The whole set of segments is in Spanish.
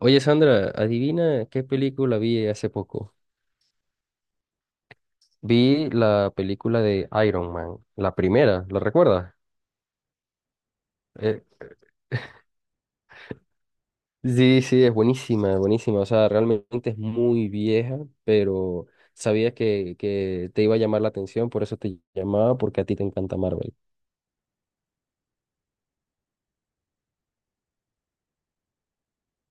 Oye, Sandra, adivina qué película vi hace poco. Vi la película de Iron Man, la primera, ¿la recuerdas? Eh, sí, sí, es buenísima, buenísima. O sea, realmente es muy vieja, pero sabía que te iba a llamar la atención, por eso te llamaba, porque a ti te encanta Marvel.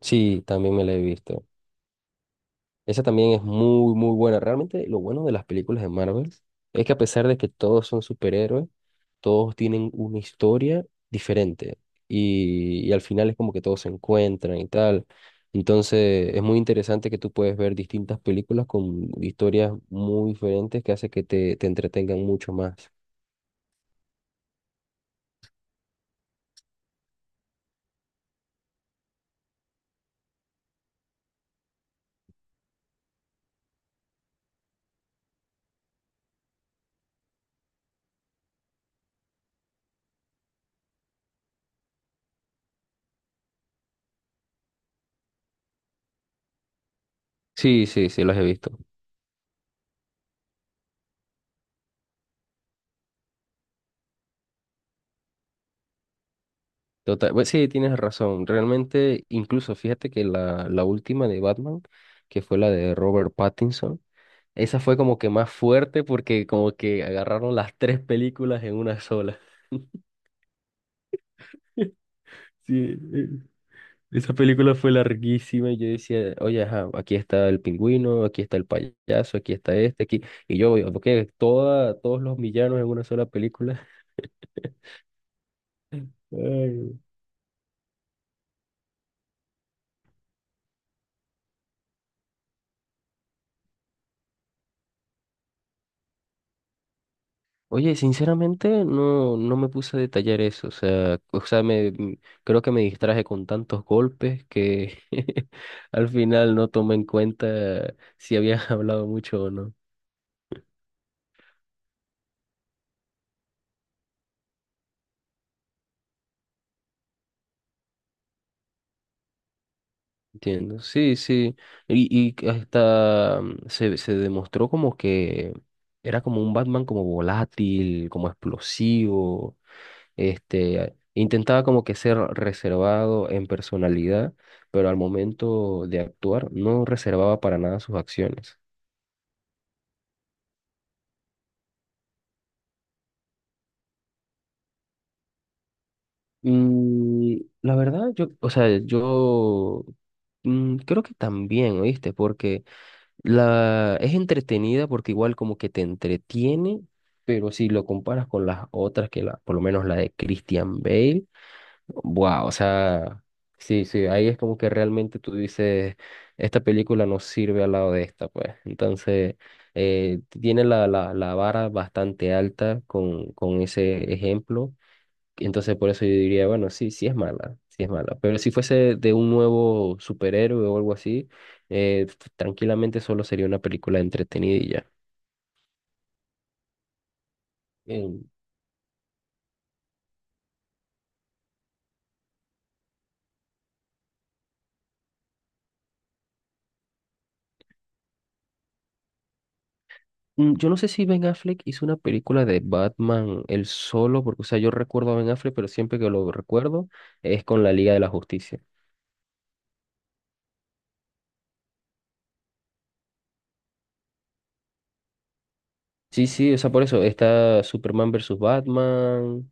Sí, también me la he visto. Esa también es muy, muy buena. Realmente lo bueno de las películas de Marvel es que a pesar de que todos son superhéroes, todos tienen una historia diferente y al final es como que todos se encuentran y tal. Entonces es muy interesante que tú puedes ver distintas películas con historias muy diferentes que hace que te entretengan mucho más. Sí, sí, sí, los he visto. Total, pues sí, tienes razón. Realmente, incluso fíjate que la última de Batman, que fue la de Robert Pattinson. Esa fue como que más fuerte porque como que agarraron las tres películas en una sola. Sí, eh, esa película fue larguísima y yo decía, oye, ajá, aquí está el pingüino, aquí está el payaso, aquí está este, aquí. Y yo, porque todos los villanos en una sola película. Ay, oye, sinceramente no, no me puse a detallar eso, o sea, creo que me distraje con tantos golpes que al final no tomé en cuenta si había hablado mucho o no. Entiendo, sí, sí, y hasta se demostró como que era como un Batman como volátil, como explosivo. Intentaba como que ser reservado en personalidad, pero al momento de actuar no reservaba para nada sus acciones. Y la verdad, yo, o sea, yo, creo que también, ¿oíste? Porque la es entretenida porque igual como que te entretiene, pero si lo comparas con las otras, que por lo menos la de Christian Bale. Wow, o sea, sí, sí, ahí es como que realmente tú dices, esta película no sirve al lado de esta, pues. Entonces, tiene la vara bastante alta con ese ejemplo. Entonces, por eso yo diría, bueno, sí, sí es mala, sí es mala. Pero si fuese de un nuevo superhéroe o algo así, eh, tranquilamente solo sería una película entretenida y ya. Yo no sé si Ben Affleck hizo una película de Batman él solo, porque, o sea, yo recuerdo a Ben Affleck, pero siempre que lo recuerdo es con la Liga de la Justicia. Sí, sí, o sea, por eso está Superman versus Batman,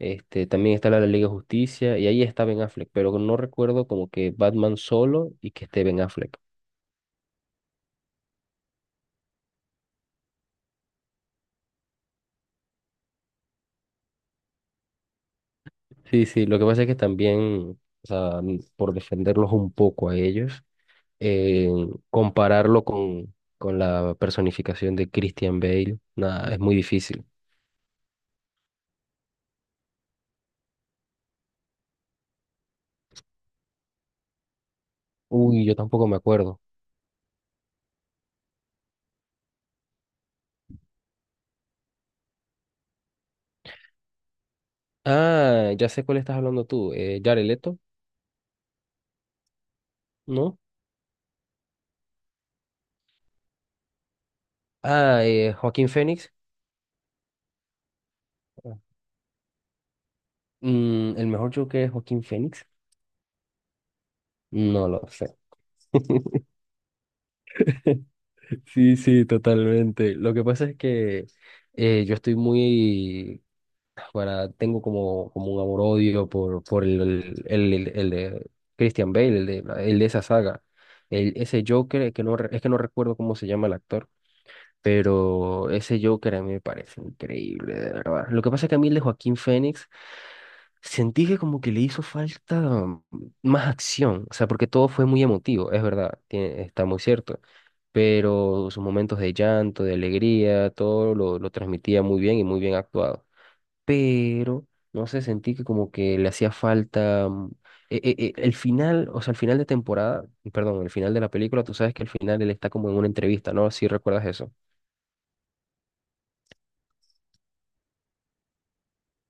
también está la de la Liga de Justicia, y ahí está Ben Affleck, pero no recuerdo como que Batman solo y que esté Ben Affleck. Sí, sí, lo que pasa es que también, o sea, por defenderlos un poco a ellos, eh, compararlo con la personificación de Christian Bale, nada, es muy difícil. Uy, yo tampoco me acuerdo. Ah, ya sé cuál estás hablando tú. Jared Leto, ¿no? Ah, Joaquín Phoenix. ¿El mejor Joker es Joaquín Phoenix? No lo sé. Sí, sí, totalmente. Lo que pasa es que yo estoy muy. Tengo como un amor-odio por el- de Christian Bale, el de esa saga. Ese Joker, que no, es que no recuerdo cómo se llama el actor. Pero ese Joker a mí me parece increíble, de verdad. Lo que pasa es que a mí el de Joaquín Phoenix sentí que como que le hizo falta más acción, o sea, porque todo fue muy emotivo, es verdad, está muy cierto. Pero sus momentos de llanto, de alegría, todo lo transmitía muy bien y muy bien actuado. Pero no sé, sentí que como que le hacía falta, el final, o sea, el final de temporada, perdón, el final de la película, tú sabes que al final él está como en una entrevista, ¿no? Si recuerdas eso,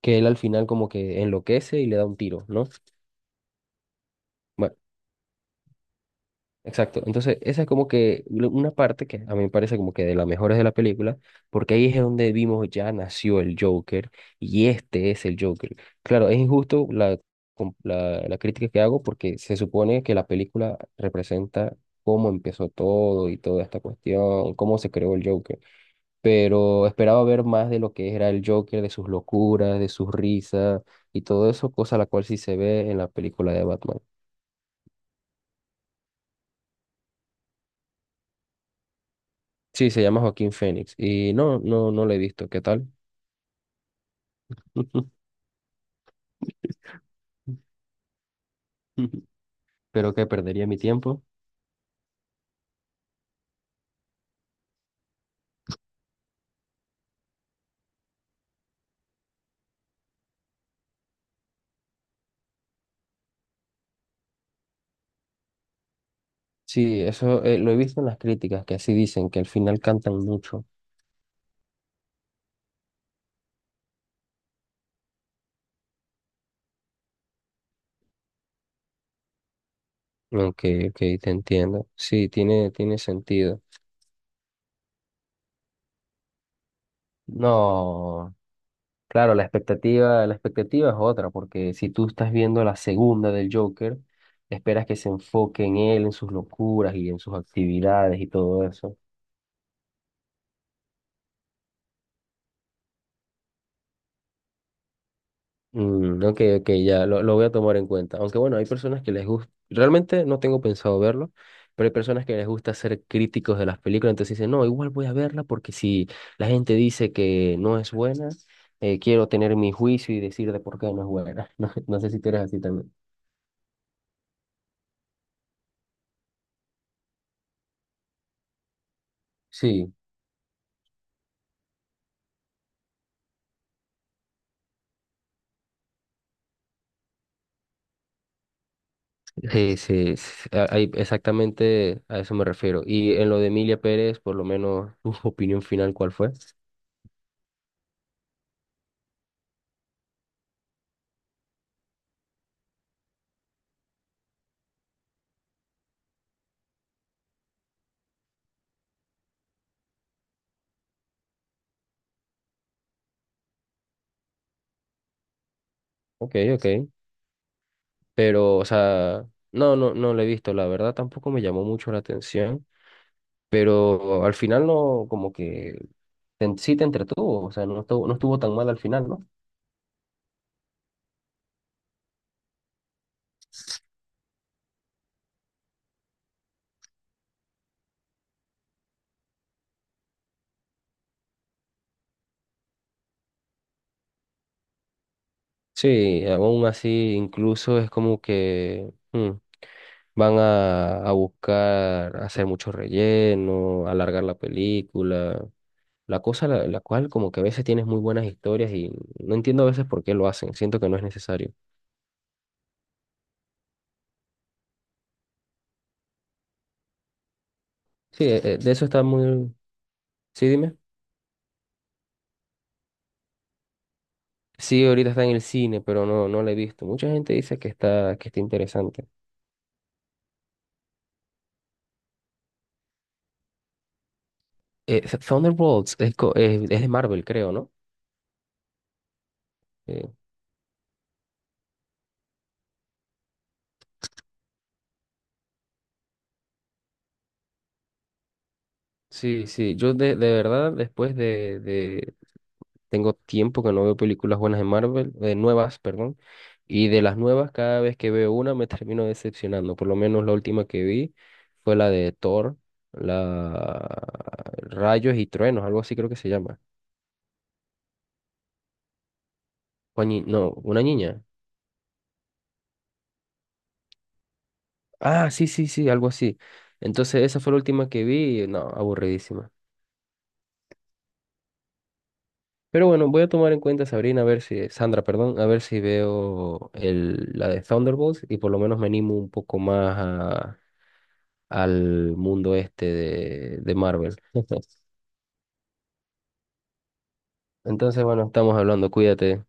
que él al final como que enloquece y le da un tiro, ¿no? Bueno, exacto. Entonces, esa es como que una parte que a mí me parece como que de las mejores de la película, porque ahí es donde vimos ya nació el Joker y este es el Joker. Claro, es injusto la crítica que hago porque se supone que la película representa cómo empezó todo y toda esta cuestión, cómo se creó el Joker. Pero esperaba ver más de lo que era el Joker, de sus locuras, de sus risas y todo eso, cosa la cual sí se ve en la película de Batman. Sí, se llama Joaquín Phoenix y no, no, no lo he visto. ¿Qué tal? Pero que perdería mi tiempo. Sí, eso lo he visto en las críticas, que así dicen, que al final cantan mucho. Ok, ok, te entiendo. Sí, tiene sentido. No. Claro, la expectativa es otra, porque si tú estás viendo la segunda del Joker, esperas que se enfoque en él, en sus locuras y en sus actividades y todo eso. Ok, ok, ya lo voy a tomar en cuenta. Aunque bueno, hay personas que les gusta, realmente no tengo pensado verlo, pero hay personas que les gusta ser críticos de las películas, entonces dicen, no, igual voy a verla porque si la gente dice que no es buena, quiero tener mi juicio y decir de por qué no es buena. No, no sé si tú eres así también. Sí. Sí, sí, sí, sí, ahí exactamente a eso me refiero. Y en lo de Emilia Pérez, por lo menos, tu opinión final, ¿cuál fue? Ok, ok. Pero, o sea, no, no, no lo he visto, la verdad tampoco me llamó mucho la atención, pero al final no, como que sí te entretuvo, o sea, no estuvo, no estuvo tan mal al final, ¿no? Sí, aún así, incluso es como que van a buscar hacer mucho relleno, alargar la película. La cosa la cual como que a veces tienes muy buenas historias y no entiendo a veces por qué lo hacen, siento que no es necesario. Sí, de eso está muy. Sí, dime. Sí, ahorita está en el cine, pero no, no la he visto. Mucha gente dice que está interesante. Thunderbolts es de Marvel, creo, ¿no? Eh, sí, sí, yo de verdad tengo tiempo que no veo películas buenas de Marvel, de nuevas, perdón. Y de las nuevas, cada vez que veo una me termino decepcionando. Por lo menos la última que vi fue la de Thor, la Rayos y Truenos, algo así creo que se llama. No, una niña. Ah, sí, sí, sí, algo así. Entonces esa fue la última que vi y no, aburridísima. Pero bueno, voy a tomar en cuenta Sabrina, a ver si, Sandra, perdón, a ver si veo la de Thunderbolts y por lo menos me animo un poco más al mundo este de Marvel. Entonces, bueno, estamos hablando, cuídate.